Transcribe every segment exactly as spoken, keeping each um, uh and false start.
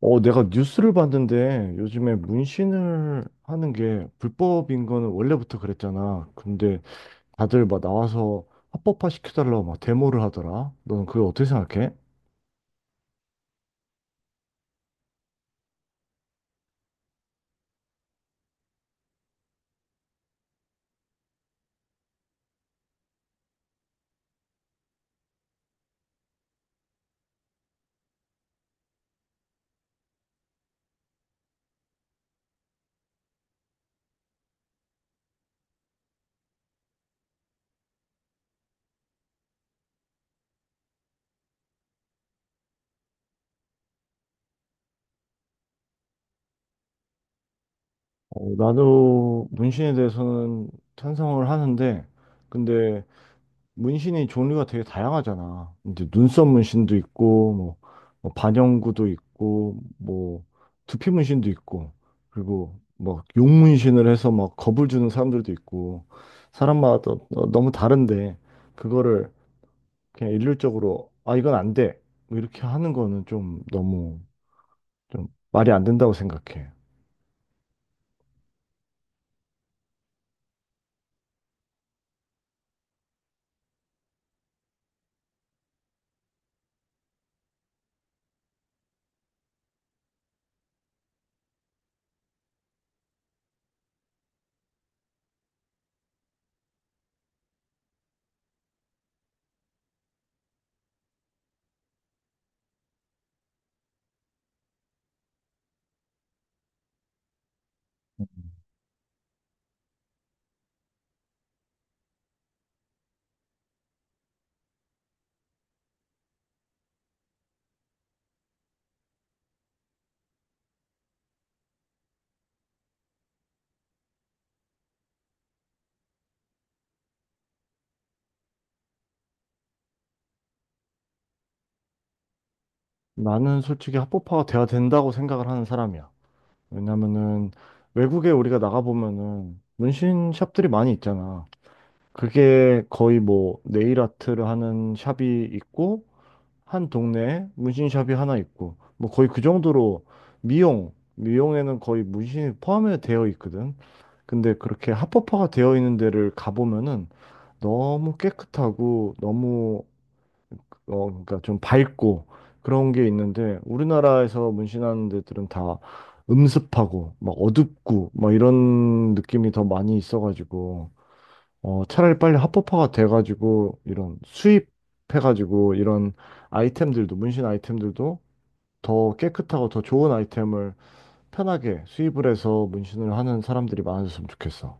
어, 내가 뉴스를 봤는데 요즘에 문신을 하는 게 불법인 거는 원래부터 그랬잖아. 근데 다들 막 나와서 합법화 시켜달라고 막 데모를 하더라. 너는 그걸 어떻게 생각해? 어, 나도 문신에 대해서는 찬성을 하는데, 근데 문신이 종류가 되게 다양하잖아. 이제 눈썹 문신도 있고, 뭐, 뭐 반영구도 있고, 뭐, 두피 문신도 있고, 그리고 뭐, 용 문신을 해서 막 겁을 주는 사람들도 있고, 사람마다 어, 너무 다른데, 그거를 그냥 일률적으로, 아, 이건 안 돼. 뭐 이렇게 하는 거는 좀 너무 좀 말이 안 된다고 생각해. 나는 솔직히 합법화가 돼야 된다고 생각을 하는 사람이야. 왜냐면은 외국에 우리가 나가보면은 문신 샵들이 많이 있잖아. 그게 거의 뭐 네일 아트를 하는 샵이 있고 한 동네에 문신 샵이 하나 있고 뭐 거의 그 정도로 미용 미용에는 거의 문신이 포함이 되어 있거든. 근데 그렇게 합법화가 되어 있는 데를 가보면은 너무 깨끗하고 너무 어, 그러니까 좀 밝고 그런 게 있는데 우리나라에서 문신하는 데들은 다 음습하고 막 어둡고 막 이런 느낌이 더 많이 있어가지고 어, 차라리 빨리 합법화가 돼가지고 이런 수입해가지고 이런 아이템들도 문신 아이템들도 더 깨끗하고 더 좋은 아이템을 편하게 수입을 해서 문신을 하는 사람들이 많아졌으면 좋겠어.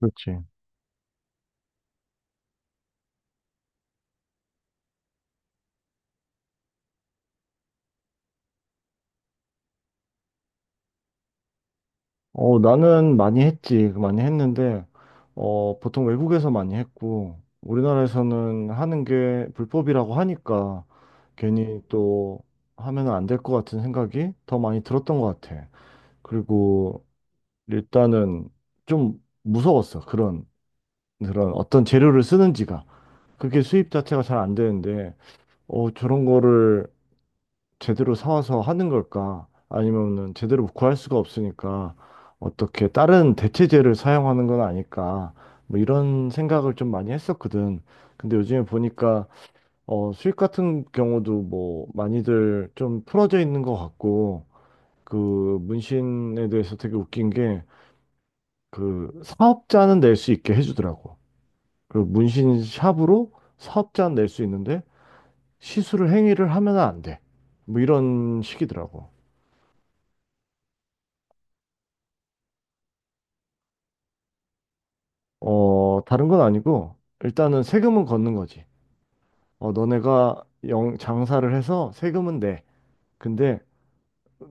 그렇지. 어, 나는 많이 했지. 그 많이 했는데, 어, 보통 외국에서 많이 했고, 우리나라에서는 하는 게 불법이라고 하니까, 괜히 또 하면 안 될 것 같은 생각이 더 많이 들었던 것 같아. 그리고 일단은 좀 무서웠어. 그런, 그런 어떤 재료를 쓰는지가. 그게 수입 자체가 잘 안 되는데, 어, 저런 거를 제대로 사와서 하는 걸까? 아니면은 제대로 구할 수가 없으니까 어떻게 다른 대체제를 사용하는 건 아닐까? 뭐 이런 생각을 좀 많이 했었거든. 근데 요즘에 보니까 어, 수익 같은 경우도 뭐 많이들 좀 풀어져 있는 것 같고 그 문신에 대해서 되게 웃긴 게 그 사업자는 낼 수 있게 해주더라고. 그리고 문신 샵으로 사업자는 낼 수 있는데 시술을 행위를 하면 안 돼. 뭐 이런 식이더라고. 어, 다른 건 아니고, 일단은 세금은 걷는 거지. 어, 너네가 영, 장사를 해서 세금은 내. 근데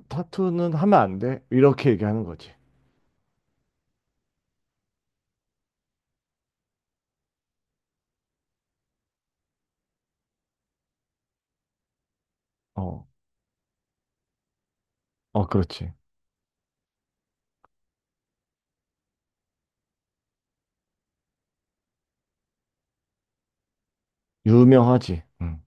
타투는 하면 안 돼. 이렇게 얘기하는 거지. 어, 어, 그렇지. 유명하지. 응.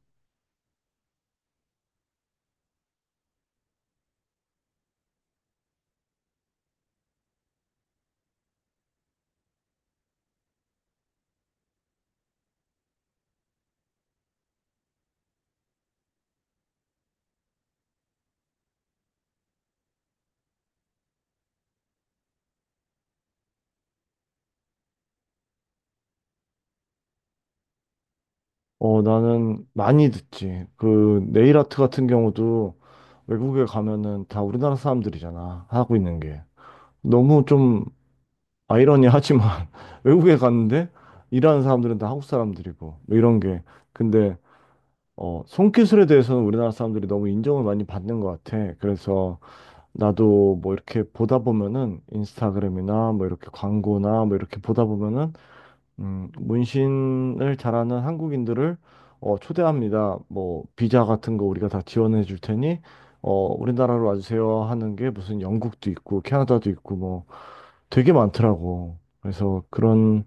어, 나는 많이 듣지. 그, 네일 아트 같은 경우도 외국에 가면은 다 우리나라 사람들이잖아. 하고 있는 게. 너무 좀 아이러니하지만, 외국에 갔는데 일하는 사람들은 다 한국 사람들이고, 뭐 이런 게. 근데 어, 손기술에 대해서는 우리나라 사람들이 너무 인정을 많이 받는 것 같아. 그래서 나도 뭐 이렇게 보다 보면은 인스타그램이나 뭐 이렇게 광고나 뭐 이렇게 보다 보면은 음, 문신을 잘하는 한국인들을 어, 초대합니다. 뭐 비자 같은 거 우리가 다 지원해 줄 테니 어, 우리나라로 와주세요 하는 게 무슨 영국도 있고 캐나다도 있고 뭐 되게 많더라고. 그래서 그런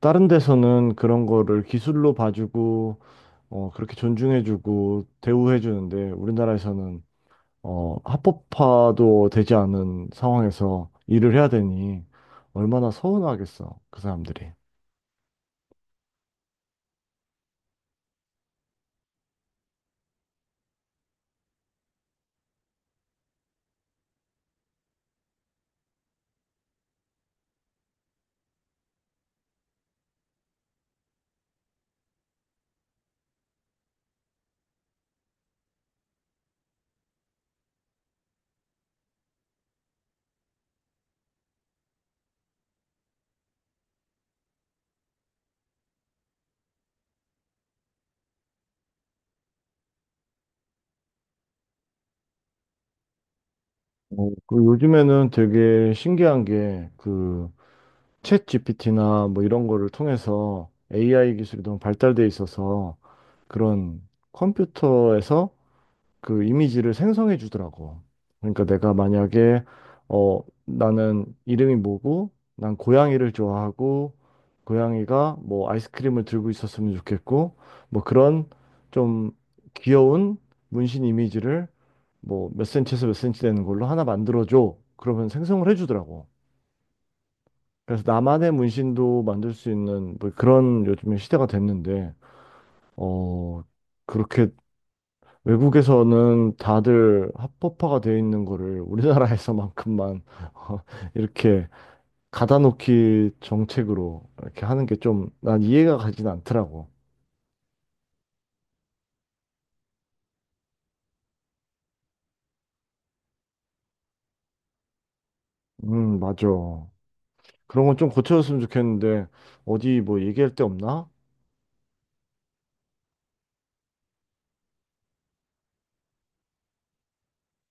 다른 데서는 그런 거를 기술로 봐주고 어, 그렇게 존중해주고 대우해주는데 우리나라에서는 어, 합법화도 되지 않은 상황에서 일을 해야 되니 얼마나 서운하겠어, 그 사람들이. 어, 그리고 요즘에는 되게 신기한 게 그 챗 지피티나 뭐 이런 거를 통해서 에이아이 기술이 너무 발달돼 있어서 그런 컴퓨터에서 그 이미지를 생성해 주더라고. 그러니까 내가 만약에 어 나는 이름이 뭐고 난 고양이를 좋아하고 고양이가 뭐 아이스크림을 들고 있었으면 좋겠고 뭐 그런 좀 귀여운 문신 이미지를 뭐 몇 센치에서 몇 센치 되는 걸로 하나 만들어 줘. 그러면 생성을 해 주더라고. 그래서 나만의 문신도 만들 수 있는 뭐 그런 요즘에 시대가 됐는데 어 그렇게 외국에서는 다들 합법화가 되어 있는 거를 우리나라에서만큼만 어, 이렇게 가다놓기 정책으로 이렇게 하는 게 좀 난 이해가 가진 않더라고. 음, 맞아. 그런 건 좀 고쳐줬으면 좋겠는데 어디 뭐 얘기할 데 없나?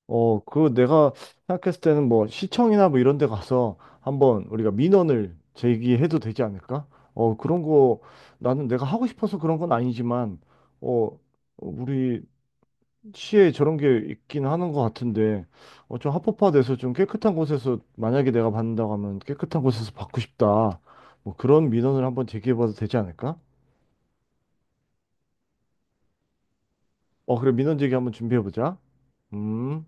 어, 그 내가 생각했을 때는 뭐 시청이나 뭐 이런 데 가서 한번 우리가 민원을 제기해도 되지 않을까? 어, 그런 거 나는 내가 하고 싶어서 그런 건 아니지만 어, 우리 시에 저런 게 있긴 하는 것 같은데 어, 좀 합법화돼서 좀 깨끗한 곳에서 만약에 내가 받는다고 하면 깨끗한 곳에서 받고 싶다 뭐 그런 민원을 한번 제기해봐도 되지 않을까? 어 그래 민원 제기 한번 준비해보자. 음.